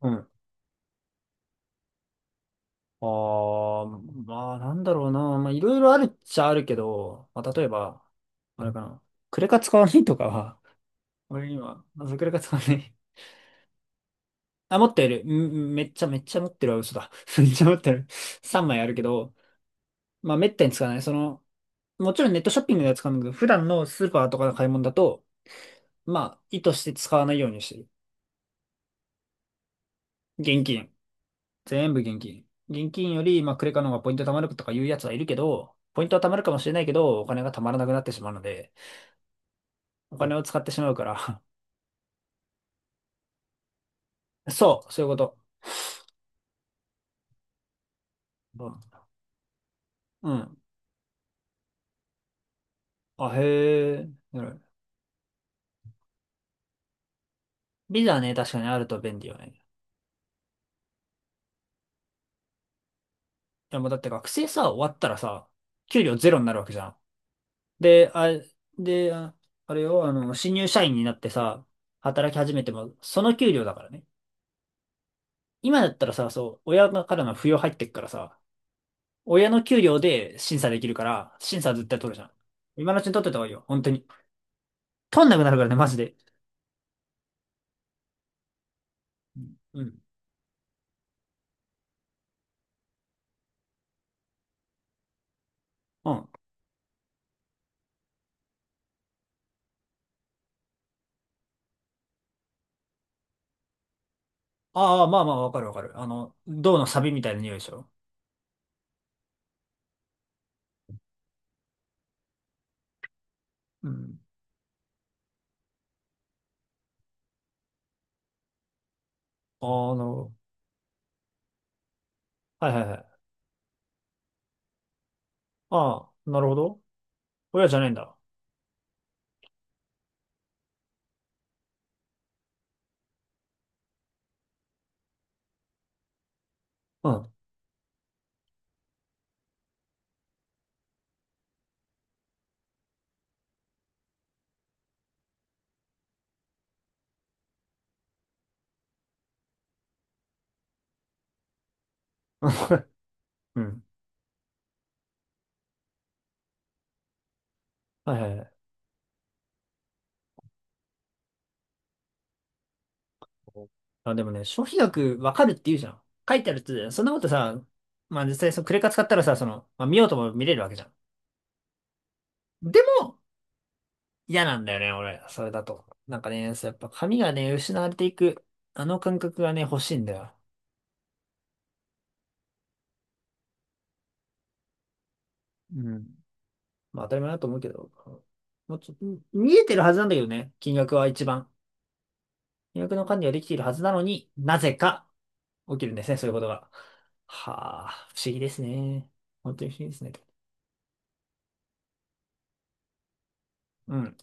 うん。ああ、まあ、なんだろうな。まあ、いろいろあるっちゃあるけど、まあ、例えば、あれかな。クレカ使わないとかは、俺今、まずクレカ使わない。あ、持ってる。うん。めっちゃ持ってるは嘘だ。めっちゃ持ってる。3枚あるけど、まあ、めったに使わない。その、もちろんネットショッピングでは使うんだけど、普段のスーパーとかの買い物だと、まあ、意図して使わないようにしてる。現金。全部現金。現金より、まあ、クレカの方がポイント貯まるとかいうやつはいるけど、ポイントは貯まるかもしれないけど、お金が貯まらなくなってしまうので、お金を使ってしまうから。そう、そういうこと。うん。うん。あ、へえ。なるほど。ビザね、確かにあると便利よね。でもだって学生さ、終わったらさ、給料ゼロになるわけじゃん。で、あ、で、あ、あれよ、あの、新入社員になってさ、働き始めても、その給料だからね。今だったらさ、そう、親からの扶養入ってっからさ、親の給料で審査できるから、審査は絶対取るじゃん。今のうちに取ってた方がいいよ、本当に。取んなくなるからね、マジで。うん。うん。ああ、まあまあ、わかるわかる。あの、銅のサビみたいな匂いでしょ。うん。ああ、なるほど。はいはいはい。ああ、なるほど。親じゃないんだ。うん。うん。はいはいはい。あ、でもね、消費額わかるって言うじゃん。書いてあるって言うじゃん。そんなことさ、まあ実際そのクレカ使ったらさ、その、まあ見ようとも見れるわけじゃん。で、嫌なんだよね、俺。それだと。なんかね、そうやっぱ髪がね、失われていく、あの感覚がね、欲しいんだよ。うん。まあ当たり前だと思うけど。もうちょ、見えてるはずなんだけどね、金額は一番。金額の管理はできているはずなのになぜか起きるんですね、そういうことが。はあ、不思議ですね。本当に不思議ですね。うん。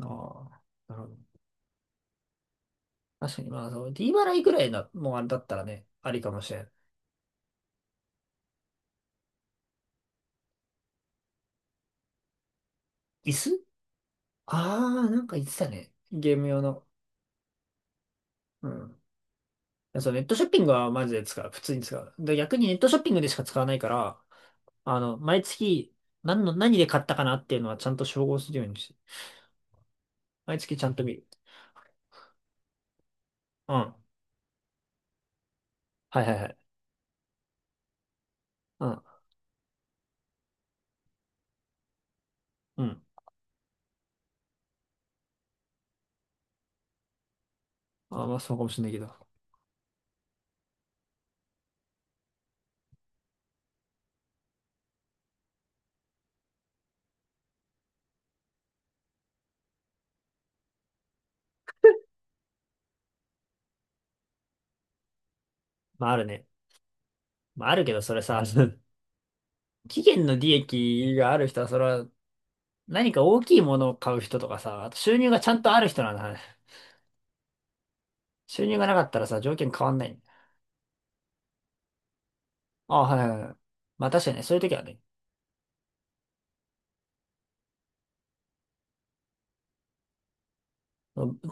ああ、なるほど。確かに、まあ、そう、D 払いぐらいの、もうあれだったらね、ありかもしれん。椅子。ああー、なんか言ってたね。ゲーム用の。うん。そう、ネットショッピングはマジで使う。普通に使う。で、逆にネットショッピングでしか使わないから、あの、毎月、何で買ったかなっていうのはちゃんと照合するようにして、毎月ちゃんと見る。うん。はいはいはい。うん。うん。あ、まあそうかもしれないけど。まああるね。まああるけど、それさ、期限の利益がある人は、それは何か大きいものを買う人とかさ、あと収入がちゃんとある人なんだね。収入がなかったらさ、条件変わんない。あ、はいはいはい。まあ確かにね、そういう時はね、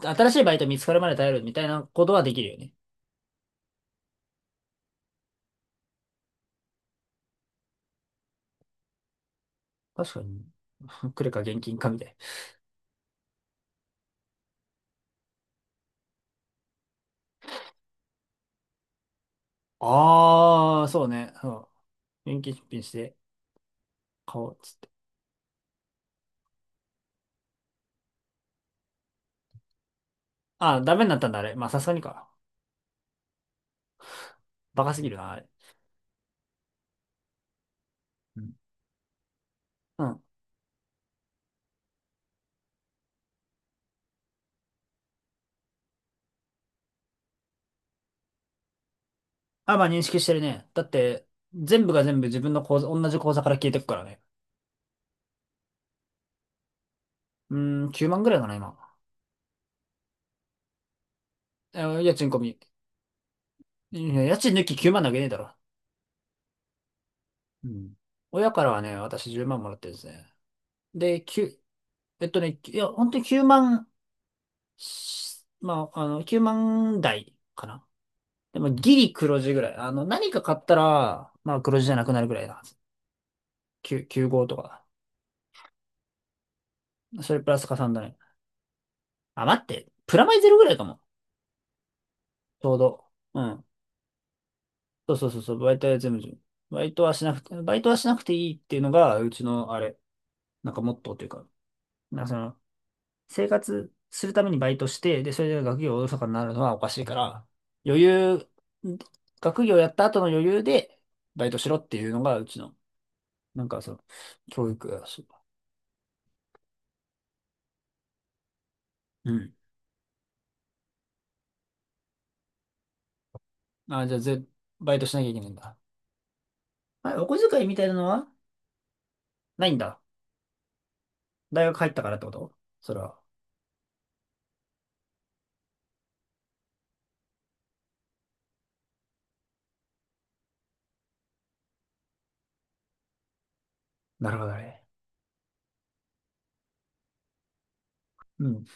新しいバイト見つかるまで耐えるみたいなことはできるよね。確かに。来るか現金かみたいな。ああ、そうね。そう。現金出品して買おうっつって。ああ、ダメになったんだ、あれ。まあ、さすがにか。バカすぎるな、あれ。うん。うん。あ、まあ、認識してるね。だって、全部が全部自分の口座、同じ口座から消えてくからね。うーん、9万ぐらいかな、今。え、家賃込み。いや家賃抜き9万投げねえだろ。うん。親からはね、私10万もらってるんですね。で、9、いや、本当に9万まあ、あの、9万台かな。でもギリ黒字ぐらい。あの、何か買ったら、まあ黒字じゃなくなるぐらいなはず。9、9とか。それプラス加算だね。あ、待って。プラマイゼロぐらいかも。ちょうど。うん。そうそうそうそう。バイトは全部自分。バイトはしなくていいっていうのが、うちの、あれ、なんかモットーというか、なんかその、生活するためにバイトして、で、それで学業おろそかになるのはおかしいから、余裕、学業やった後の余裕で、バイトしろっていうのが、うちの、なんかその、教育だし。うん。あ、じゃあ、バイトしなきゃいけないんだ。あ、お小遣いみたいなのはないんだ。大学入ったからってことそれは。なるほどね。うん。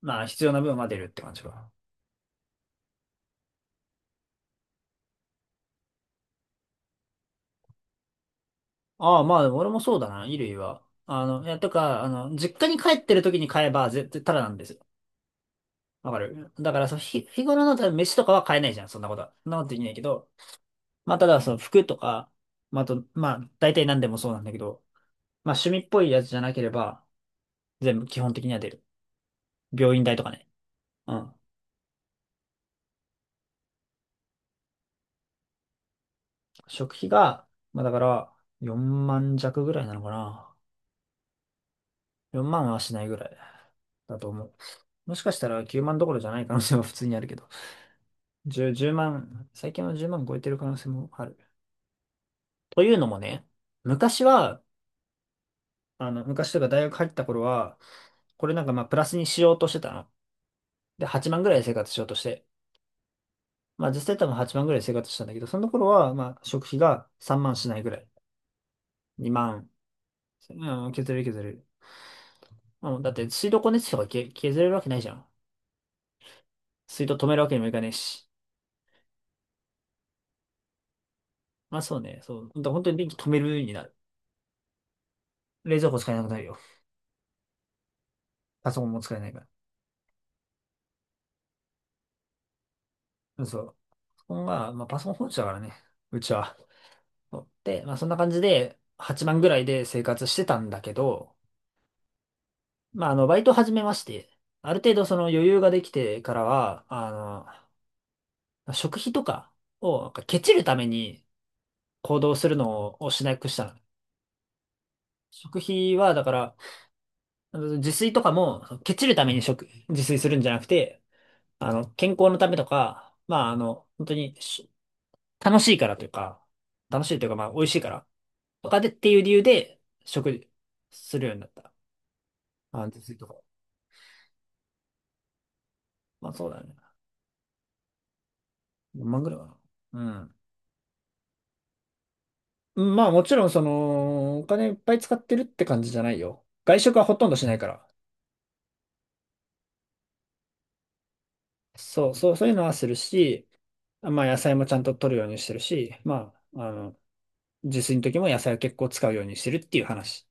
まあ、必要な分は出るって感じか。ああ、まあ、でも俺もそうだな、衣類は。あの、いや、とか、あの、実家に帰ってる時に買えば、絶対タダなんですよ。わかる。だから、そう、日頃の、多分飯とかは買えないじゃん、そんなことは。そんなことできないけど。まあ、ただ、その服とか、まあ、あと、まあ、大体何でもそうなんだけど、まあ、趣味っぽいやつじゃなければ、全部基本的には出る。病院代とかね。うん。食費が、まあだから4万弱ぐらいなのかな。4万はしないぐらいだと思う。もしかしたら9万どころじゃない可能性も普通にあるけど。10、万、最近は10万超えてる可能性もある。というのもね、昔は、あの、昔というか大学入った頃は、これなんかまあプラスにしようとしてたの。で、8万ぐらいで生活しようとして。まあ実際多分8万ぐらいで生活したんだけど、その頃はまあ食費が3万しないぐらい。2万、うん、削れる削れる。まあもうだって水道光熱費とか削れるわけないじゃん。水道止めるわけにもいかねえし。まあそうね、そう。だから本当に電気止めるようになる。冷蔵庫使えなくなるよ。パソコンも使えないから。うん。そう。パソコンは、まあパソコン本社だからね。うちは。そうで、まあそんな感じで、8万ぐらいで生活してたんだけど、まああの、バイト始めまして、ある程度その余裕ができてからは、あの、食費とかを、なんかケチるために行動するのをしなくしたの。食費は、だから、あの自炊とかも、そのケチるために自炊するんじゃなくて、あの、健康のためとか、まあ、あの、本当に楽しいからというか、楽しいというか、まあ、美味しいから、とかでっていう理由で、食事するようになった。あ、自炊とか。まあ、そうだね。よんま万ぐらいかな。うん。まあ、もちろん、その、お金いっぱい使ってるって感じじゃないよ。外食はほとんどしないから。そう、そう、そういうのはするし、まあ、野菜もちゃんと取るようにしてるし、まあ、あの、自炊の時も野菜を結構使うようにしてるっていう話。